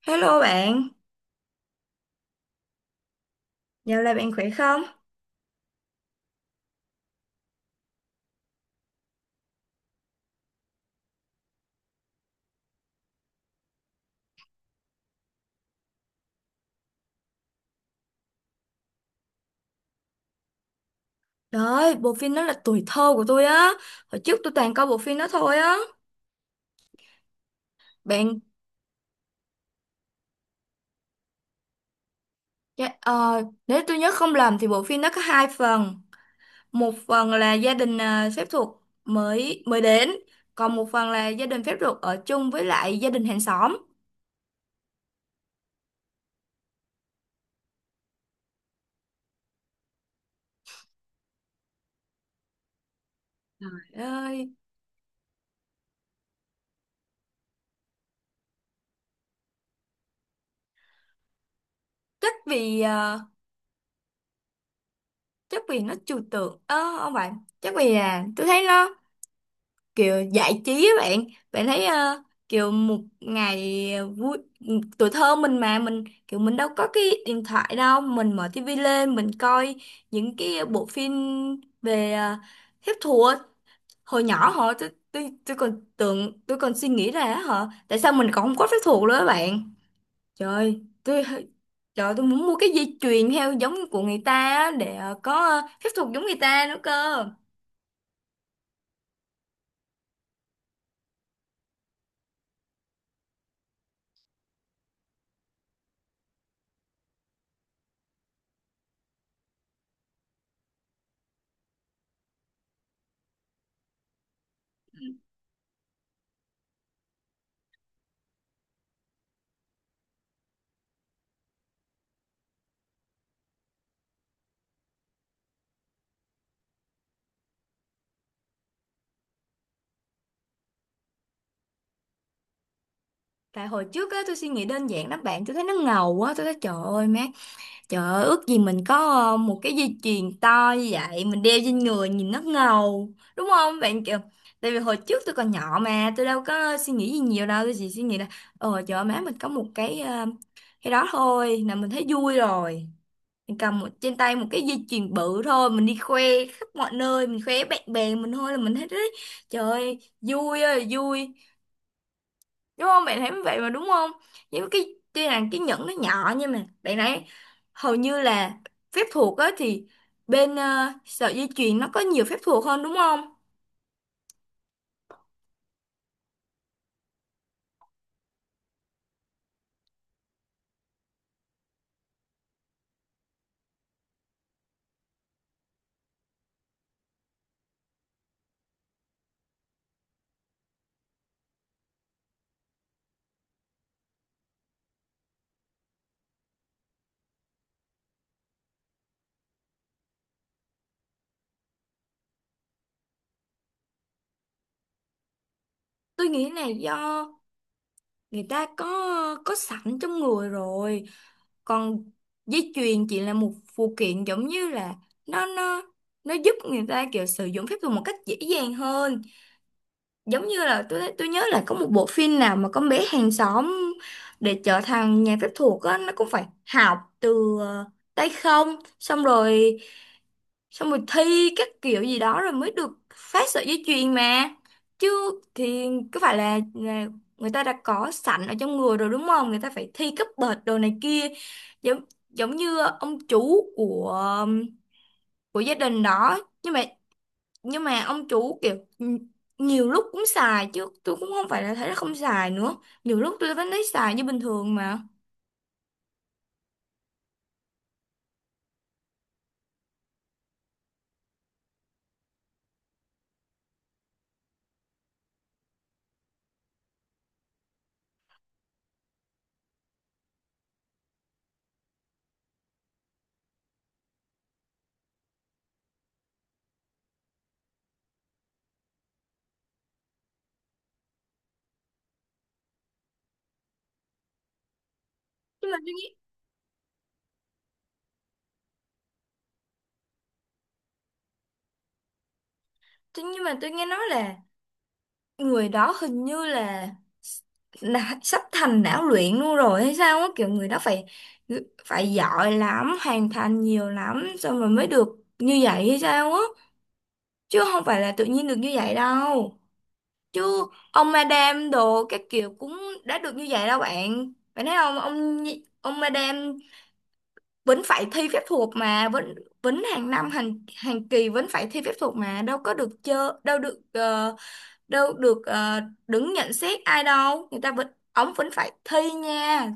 Hello bạn, dạo này bạn khỏe không? Trời ơi, bộ phim đó là tuổi thơ của tôi á. Hồi trước tôi toàn coi bộ phim đó thôi á. Bạn, dạ, nếu tôi nhớ không lầm thì bộ phim đó có hai phần. Một phần là gia đình phép thuật mới mới đến, còn một phần là gia đình phép thuật ở chung với lại gia đình hàng xóm. Trời ơi, chắc vì à, chắc vì nó trừu tượng, không phải, chắc vì là tôi thấy nó kiểu giải trí á bạn. Bạn thấy kiểu một ngày vui tuổi thơ mình mà mình kiểu mình đâu có cái điện thoại đâu, mình mở tivi lên mình coi những cái bộ phim về phép thuật. Hồi nhỏ hồi tôi còn tưởng, tôi còn suy nghĩ ra á hả, tại sao mình còn không có phép thuật nữa á bạn. trời tôi Trời, tôi muốn mua cái dây chuyền theo giống của người ta á, để có phép thuật giống người ta nữa cơ. Tại hồi trước á, tôi suy nghĩ đơn giản lắm bạn, tôi thấy nó ngầu quá, tôi thấy trời ơi má, trời ơi ước gì mình có một cái dây chuyền to như vậy, mình đeo trên người nhìn nó ngầu, đúng không bạn, kiểu, tại vì hồi trước tôi còn nhỏ mà, tôi đâu có suy nghĩ gì nhiều đâu, tôi chỉ suy nghĩ là, trời ơi má mình có một cái cái đó thôi, là mình thấy vui rồi, mình cầm một, trên tay một cái dây chuyền bự thôi, mình đi khoe khắp mọi nơi, mình khoe bạn bè mình thôi là mình thấy đấy, trời ơi, vui ơi là vui, đúng không bạn, thấy như vậy mà đúng không? Những cái tuy là cái nhẫn nó nhỏ nhưng mà bạn thấy hầu như là phép thuật á thì bên sợi dây chuyền nó có nhiều phép thuật hơn đúng không? Tôi nghĩ là do người ta có sẵn trong người rồi, còn dây chuyền chỉ là một phụ kiện, giống như là nó nó nó giúp người ta kiểu sử dụng phép thuật một cách dễ dàng hơn. Giống như là tôi nhớ là có một bộ phim nào mà con bé hàng xóm, để trở thành nhà phép thuật á nó cũng phải học từ tay không, xong rồi thi các kiểu gì đó rồi mới được phát sợi dây chuyền mà. Chứ thì có phải là người ta đã có sẵn ở trong người rồi đúng không, người ta phải thi cấp bậc đồ này kia. Giống giống như ông chú của gia đình đó, nhưng mà ông chủ kiểu nhiều lúc cũng xài chứ, tôi cũng không phải là thấy là không xài nữa, nhiều lúc tôi vẫn thấy xài như bình thường mà. Nhưng mà tôi nghĩ nhưng mà tôi nghe nói là người đó hình như là, sắp thành não luyện luôn rồi hay sao á, kiểu người đó phải phải giỏi lắm, hoàn thành nhiều lắm xong rồi mới được như vậy hay sao á, chứ không phải là tự nhiên được như vậy đâu. Chứ ông madam đồ các kiểu cũng đã được như vậy đâu bạn, bạn thấy không, ông madam vẫn phải thi phép thuật mà, vẫn vẫn hàng năm hàng hàng kỳ vẫn phải thi phép thuật mà, đâu có được chơi, đâu được đâu được đứng nhận xét ai đâu, người ta vẫn, ổng vẫn phải thi nha.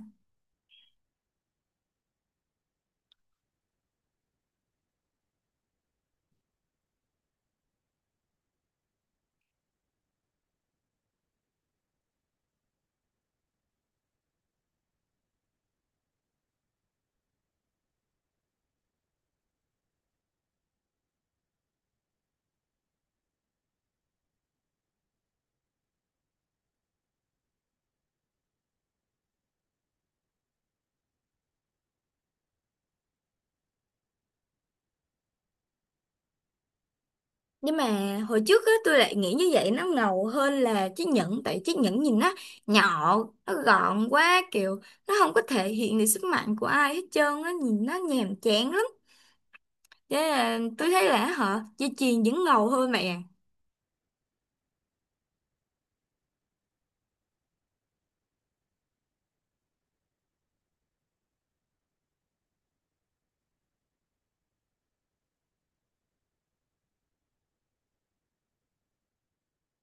Nhưng mà hồi trước á tôi lại nghĩ như vậy nó ngầu hơn là chiếc nhẫn, tại chiếc nhẫn nhìn nó nhỏ, nó gọn quá, kiểu nó không có thể hiện được sức mạnh của ai hết trơn á, nhìn nó nhàm chán lắm, thế là tôi thấy là họ, dây chuyền vẫn ngầu hơn mẹ.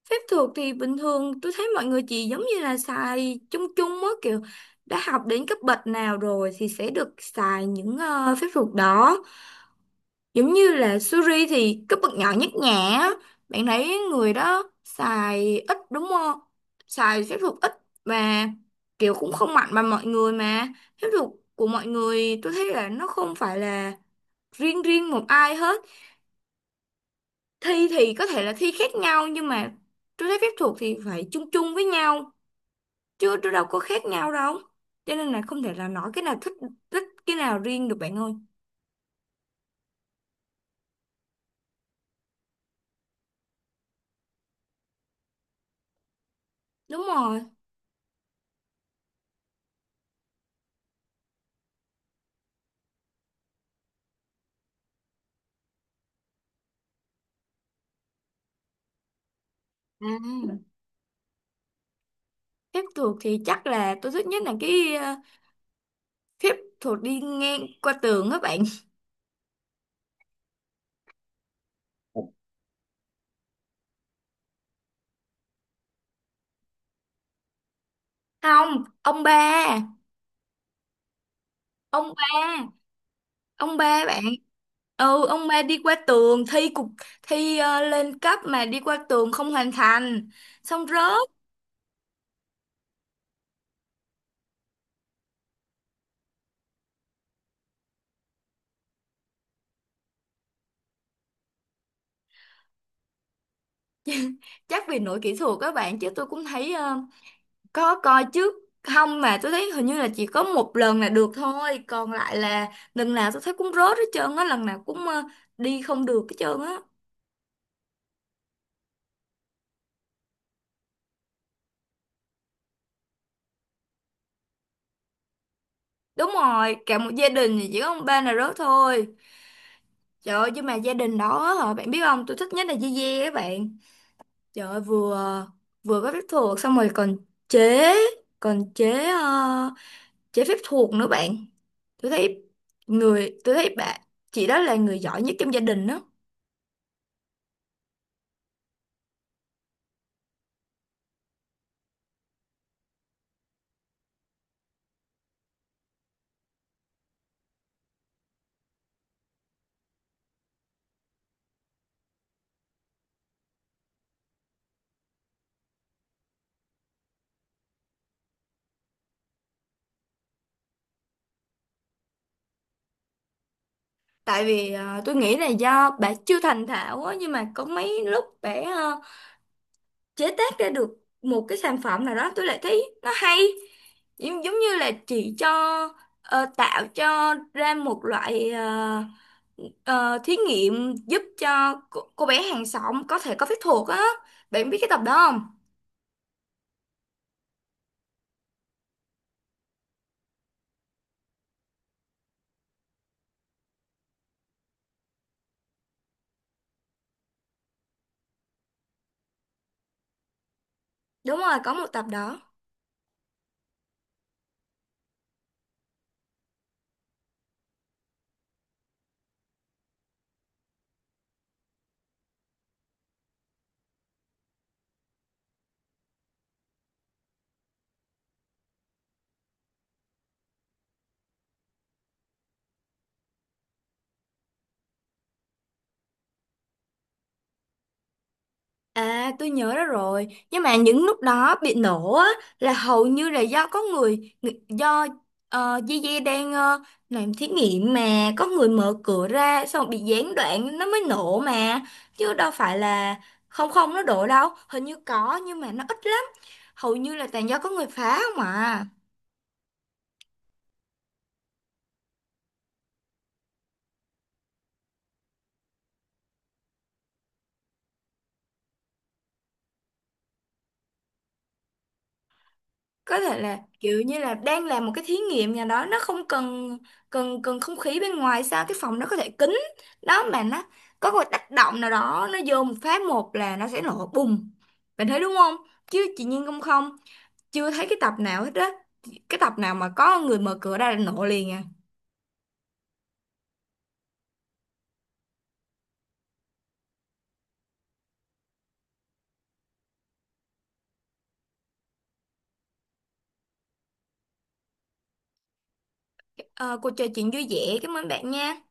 Phép thuật thì bình thường tôi thấy mọi người chỉ giống như là xài chung chung á, kiểu đã học đến cấp bậc nào rồi thì sẽ được xài những phép thuật đó. Giống như là Suri thì cấp bậc nhỏ nhất nhã. Á. Bạn thấy người đó xài ít đúng không? Xài phép thuật ít và kiểu cũng không mạnh bằng mọi người mà. Phép thuật của mọi người tôi thấy là nó không phải là riêng riêng một ai hết. Thi thì có thể là thi khác nhau, nhưng mà tôi thấy phép thuật thì phải chung chung với nhau chưa, tôi đâu có khác nhau đâu, cho nên là không thể là nói cái nào thích thích cái nào riêng được bạn ơi. Đúng rồi. À, phép thuật thì chắc là tôi thích nhất là cái phép thuật đi ngang qua tường á bạn. Không, ông ba, ông ba, ông ba bạn. Ừ, ông ba đi qua tường thi lên cấp mà đi qua tường không hoàn thành, xong rớt. Chắc vì lỗi kỹ thuật các bạn, chứ tôi cũng thấy, có coi chứ không, mà tôi thấy hình như là chỉ có một lần là được thôi, còn lại là lần nào tôi thấy cũng rớt hết trơn á, lần nào cũng đi không được hết trơn á. Đúng rồi, cả một gia đình thì chỉ có ông ba là rớt thôi. Trời ơi, nhưng mà gia đình đó hả bạn biết không, tôi thích nhất là dê dê các bạn. Trời ơi, vừa vừa có phép thuật xong rồi chế còn chế phép thuật nữa bạn. Tôi thấy người tôi thấy bạn, chị đó là người giỏi nhất trong gia đình đó. Tại vì tôi nghĩ là do bà chưa thành thạo á, nhưng mà có mấy lúc bà ờ, chế tác ra được một cái sản phẩm nào đó tôi lại thấy nó hay. Giống như là chị cho tạo cho ra một loại thí nghiệm giúp cho cô bé hàng xóm có thể có phép thuật á. Bạn biết cái tập đó không? Đúng rồi, có một tập đó. À, tôi nhớ ra rồi. Nhưng mà những lúc đó bị nổ á, là hầu như là do có người, người- do Gigi đang làm thí nghiệm mà có người mở cửa ra xong rồi bị gián đoạn nó mới nổ mà. Chứ đâu phải là không, không nó đổ đâu. Hình như có nhưng mà nó ít lắm. Hầu như là toàn do có người phá không à. Có thể là kiểu như là đang làm một cái thí nghiệm nhà đó nó không cần cần cần không khí bên ngoài sao, cái phòng nó có thể kín đó, mà nó có một tác động nào đó, nó vô một phát một là nó sẽ nổ bùng, bạn thấy đúng không? Chứ chị Nhiên không, không chưa thấy cái tập nào hết á, cái tập nào mà có người mở cửa ra là nổ liền à. Ờ, cuộc trò chuyện vui vẻ, cảm ơn bạn nha.